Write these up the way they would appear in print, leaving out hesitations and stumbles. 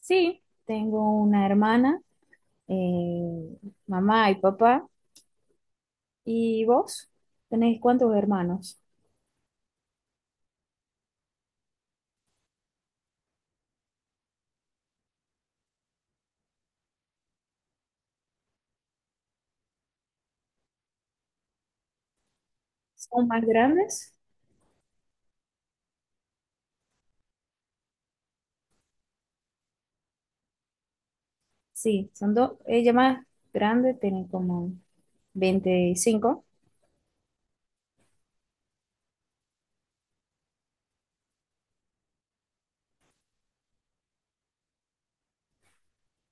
Sí, tengo una hermana, eh, mamá y papá. ¿Y vos? ¿Tenéis cuántos hermanos? ¿Son más grandes? Sí, son dos. Ella más grande tiene como 25.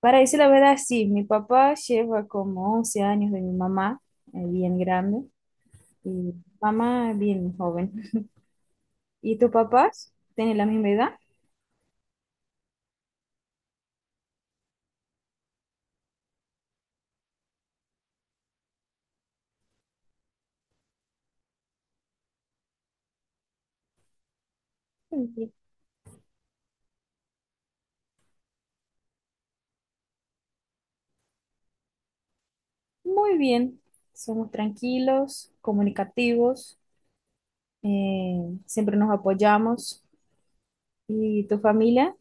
Para decir la verdad, sí, mi papá lleva como 11 años de mi mamá, bien grande, y mamá bien joven. ¿Y tus papás tienen la misma edad? Bien. Muy bien, somos tranquilos, comunicativos. Siempre nos apoyamos y tu familia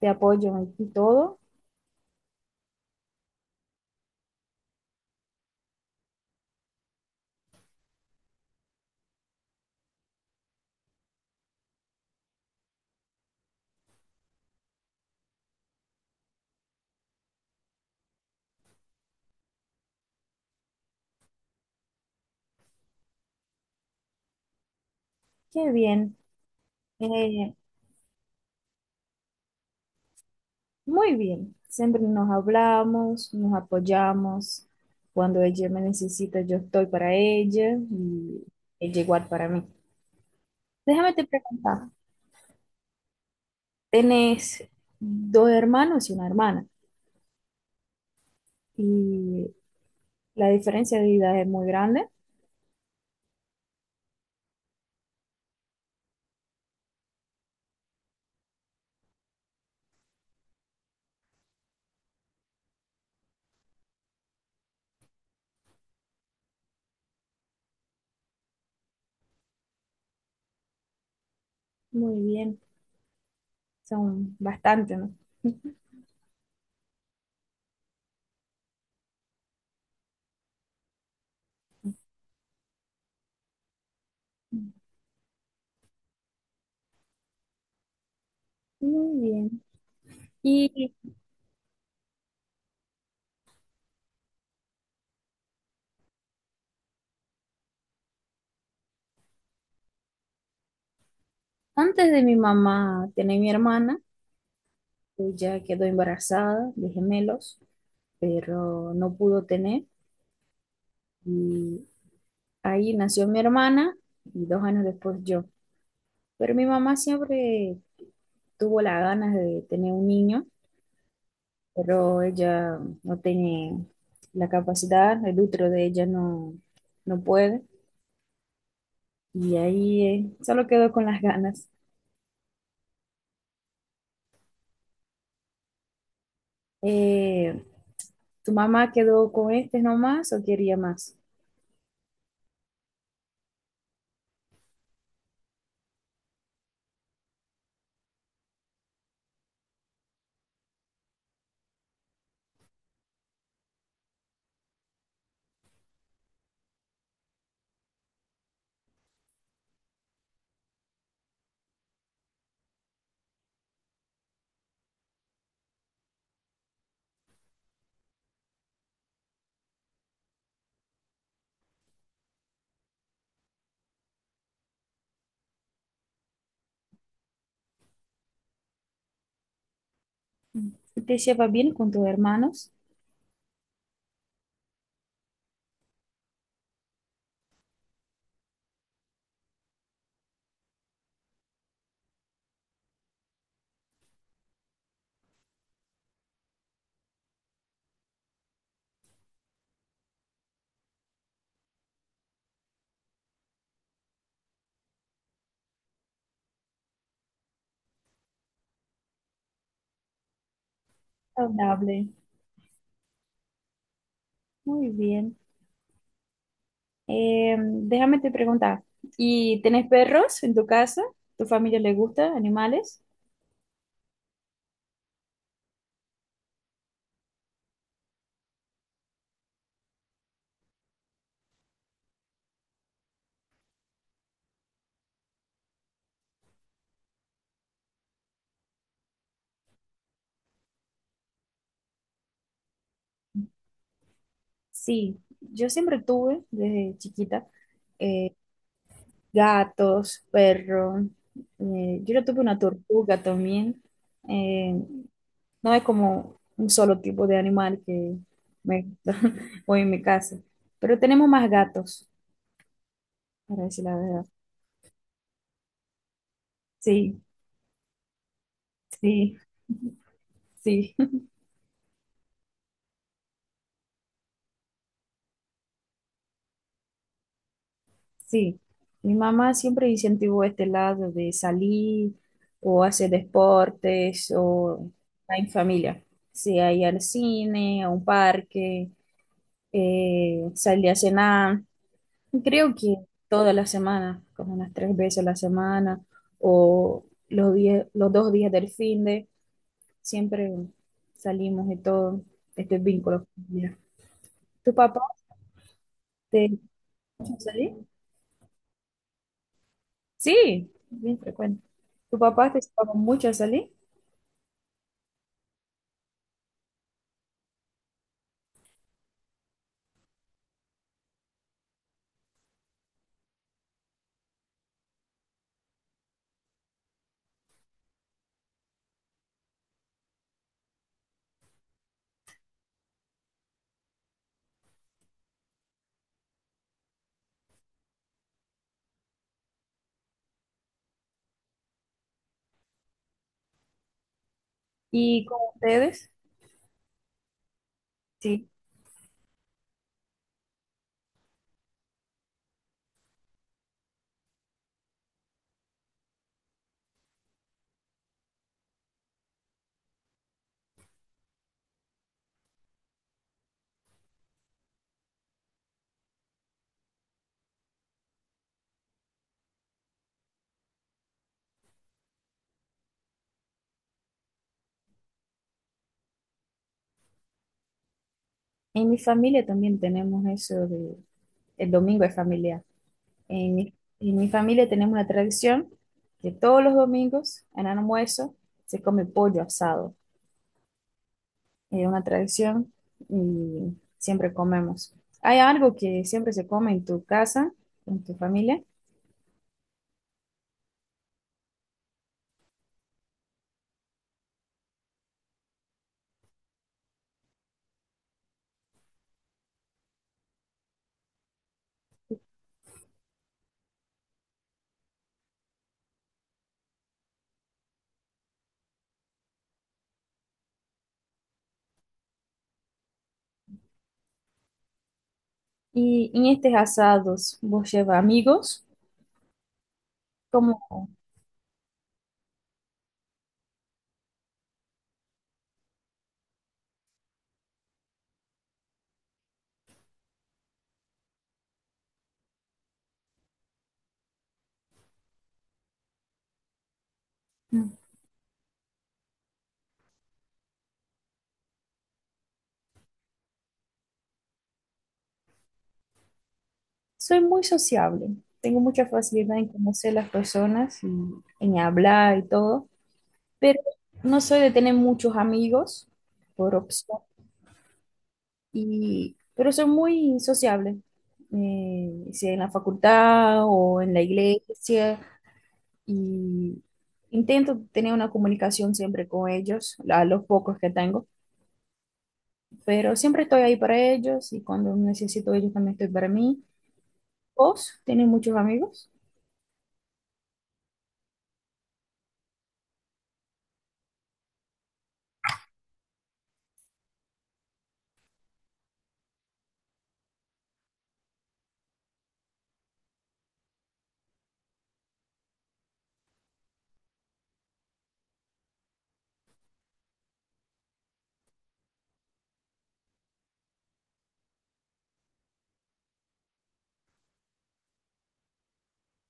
te apoya y todo. Qué bien, eh, muy bien. Siempre nos hablamos, nos apoyamos. Cuando ella me necesita, yo estoy para ella y ella igual para mí. Déjame te preguntar, ¿tenés dos hermanos y una hermana? Y la diferencia de edad es muy grande. Muy bien, son bastante, ¿no? Muy bien. Y antes de mi mamá tenía mi hermana, ella quedó embarazada de gemelos, pero no pudo tener. Y ahí nació mi hermana y dos años después yo. Pero mi mamá siempre tuvo las ganas de tener un niño, pero ella no tiene la capacidad, el útero de ella no puede. Y ahí solo quedó con las ganas. Eh, ¿Tu mamá quedó con este nomás o quería más? ¿Te llevas bien con tus hermanos? Saludable. Muy bien. Déjame te preguntar, ¿y tenés perros en tu casa? ¿Tu familia le gusta animales? Sí, yo siempre tuve desde chiquita eh, gatos, perros. Yo tuve una tortuga también. Eh, no es como un solo tipo de animal que me gusta o en mi casa, pero tenemos más gatos, para decir la verdad. Sí, sí, sí. Sí, mi mamá siempre incentivó este lado de salir o hacer deportes o estar en familia, sea ir al cine, a un parque, salir a cenar, creo que toda la semana, como unas tres veces a la semana o los días, los dos días del fin de, siempre salimos de todo este vínculo familiar. ¿Tu papá te hizo salir? Sí, bien frecuente. ¿Tu papá te llevaba mucho a salir? ¿Y con ustedes? Sí. En mi familia también tenemos eso de el domingo es familiar. En mi, en mi familia tenemos una tradición que todos los domingos, en almuerzo, se come pollo asado. Es una tradición y siempre comemos. Hay algo que siempre se come en tu casa, en tu familia, y en estos asados vos llevas amigos, como... Soy muy sociable, tengo mucha facilidad en conocer las personas y en hablar y todo, pero no soy de tener muchos amigos por opción, y, pero soy muy sociable, sea en la facultad o en la iglesia, y intento tener una comunicación siempre con ellos, a los pocos que tengo, pero siempre estoy ahí para ellos y cuando necesito ellos también estoy para mí. ¿Vos tenés muchos amigos?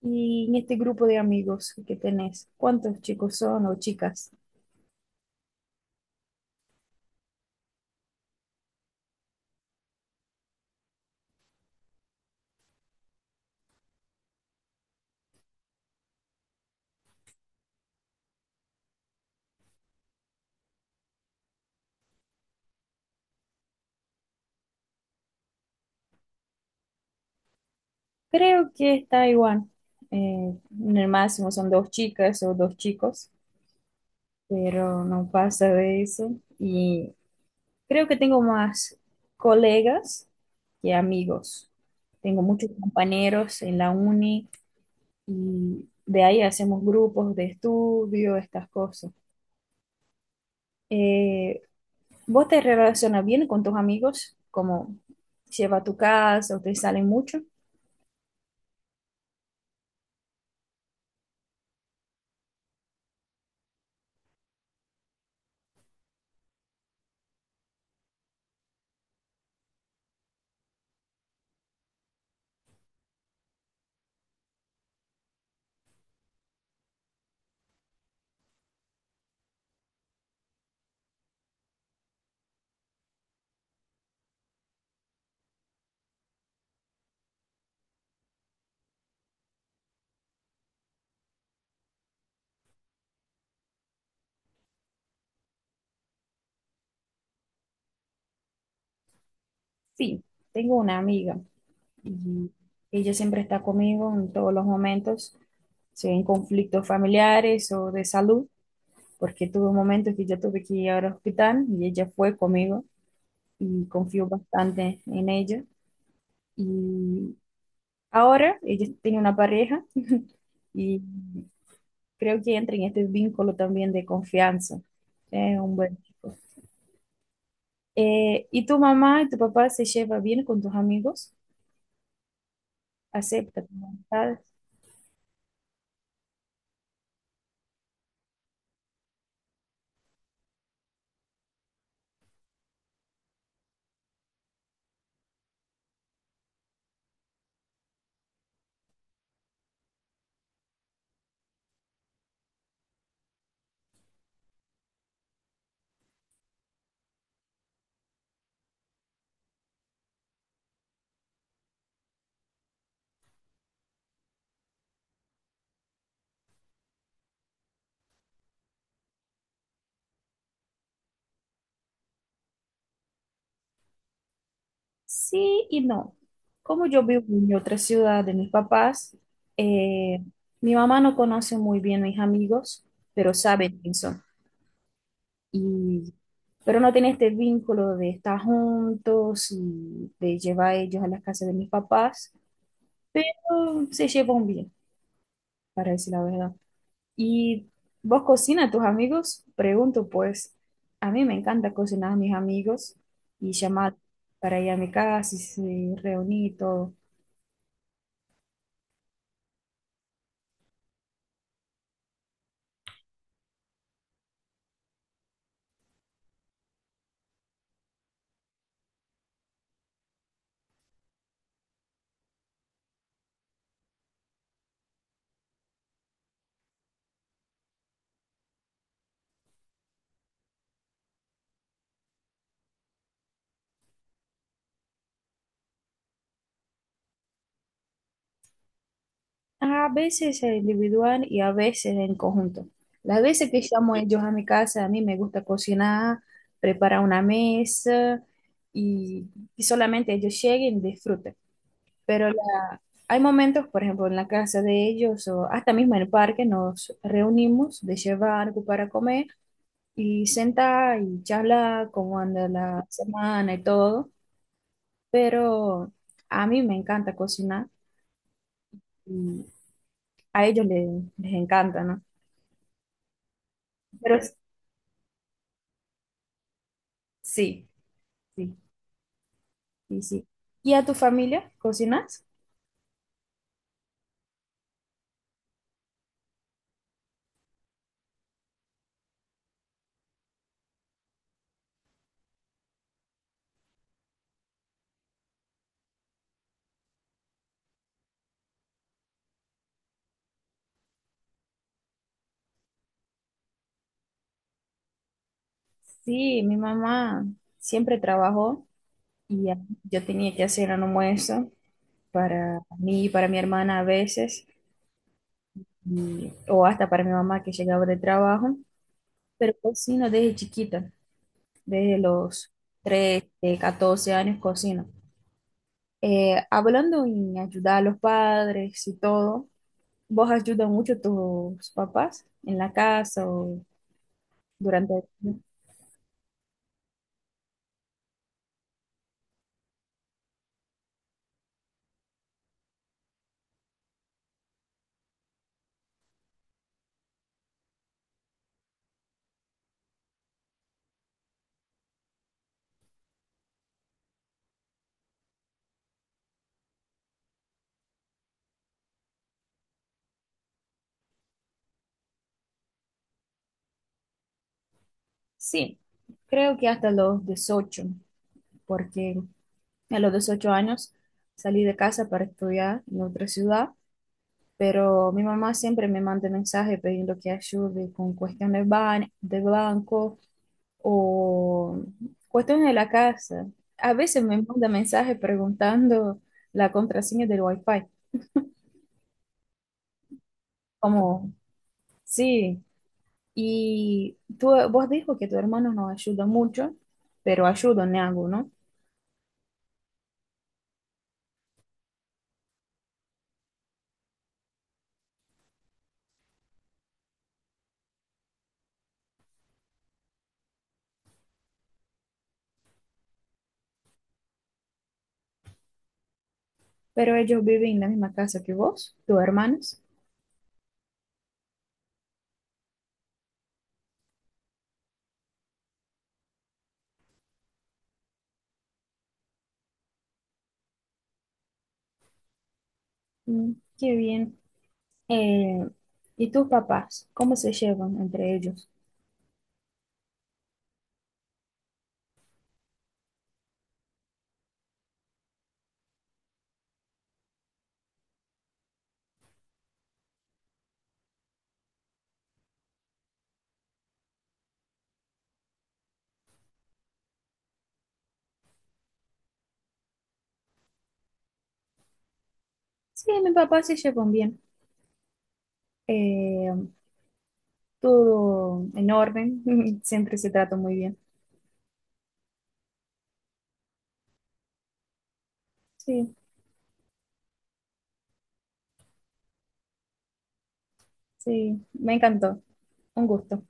Y en este grupo de amigos que tenés, ¿cuántos chicos son o chicas? Creo que está igual. Eh, en el máximo son dos chicas o dos chicos, pero no pasa de eso. Y creo que tengo más colegas que amigos. Tengo muchos compañeros en la uni y de ahí hacemos grupos de estudio, estas cosas. Eh, ¿Vos te relacionas bien con tus amigos? ¿Cómo lleva a tu casa o te salen mucho? Sí, tengo una amiga y ella siempre está conmigo en todos los momentos, sea en conflictos familiares o de salud, porque tuve momentos que yo tuve que ir al hospital y ella fue conmigo y confío bastante en ella. Y ahora ella tiene una pareja y creo que entra en este vínculo también de confianza. Es un buen chico. ¿Y tu mamá y tu papá se lleva bien con tus amigos? ¿Acepta tus amistades? Sí y no. Como yo vivo en otra ciudad de mis papás, eh, mi mamá no conoce muy bien a mis amigos, pero sabe quién son. Y, pero no tiene este vínculo de estar juntos y de llevar a ellos a las casas de mis papás, pero se llevan bien, para decir la verdad. ¿Y vos cocinas a tus amigos? Pregunto, pues a mí me encanta cocinar a mis amigos y llamar para ir a mi casa y se- reunir y todo. A veces es individual y a veces en conjunto. Las veces que llamo a ellos a mi casa, a mí me gusta cocinar, preparar una mesa y, y solamente ellos lleguen y disfruten. Pero la- hay momentos, por ejemplo, en la casa de ellos o hasta mismo en el parque nos reunimos de llevar algo para comer y senta y charla cómo anda la semana y todo, pero a mí me encanta cocinar y a ellos les encanta, ¿no? Pero sí, sí, sí, sí. ¿Y a tu familia cocinas? Sí, mi mamá siempre trabajó y yo tenía que hacer un almuerzo para mí y para mi hermana a veces, o hasta para mi mamá que llegaba de trabajo, pero cocino desde chiquita. Desde los 13, 14 años cocino. Hablando en ayudar a los padres y todo, ¿vos ayudas mucho a tus papás en la casa o durante el... Sí, creo que hasta los 18, porque a los 18 años salí de casa para estudiar en otra ciudad, pero mi mamá siempre me manda mensajes pidiendo que ayude con cuestiones de banco o cuestiones de la casa. A veces me manda mensajes preguntando la contraseña del Wi-Fi, como, sí, y tú, vos dijo que tu hermano no ayuda mucho, pero ayuda en algo, ¿no? Pero ellos viven en la misma casa que vos, tus hermanos. Mm, qué bien. Eh, ¿Y tus papás? ¿Cómo se llevan entre ellos? Sí, mis papás se llevan bien. Eh, Todo en orden, siempre se trata muy bien. Sí. Sí, me encantó. Un gusto.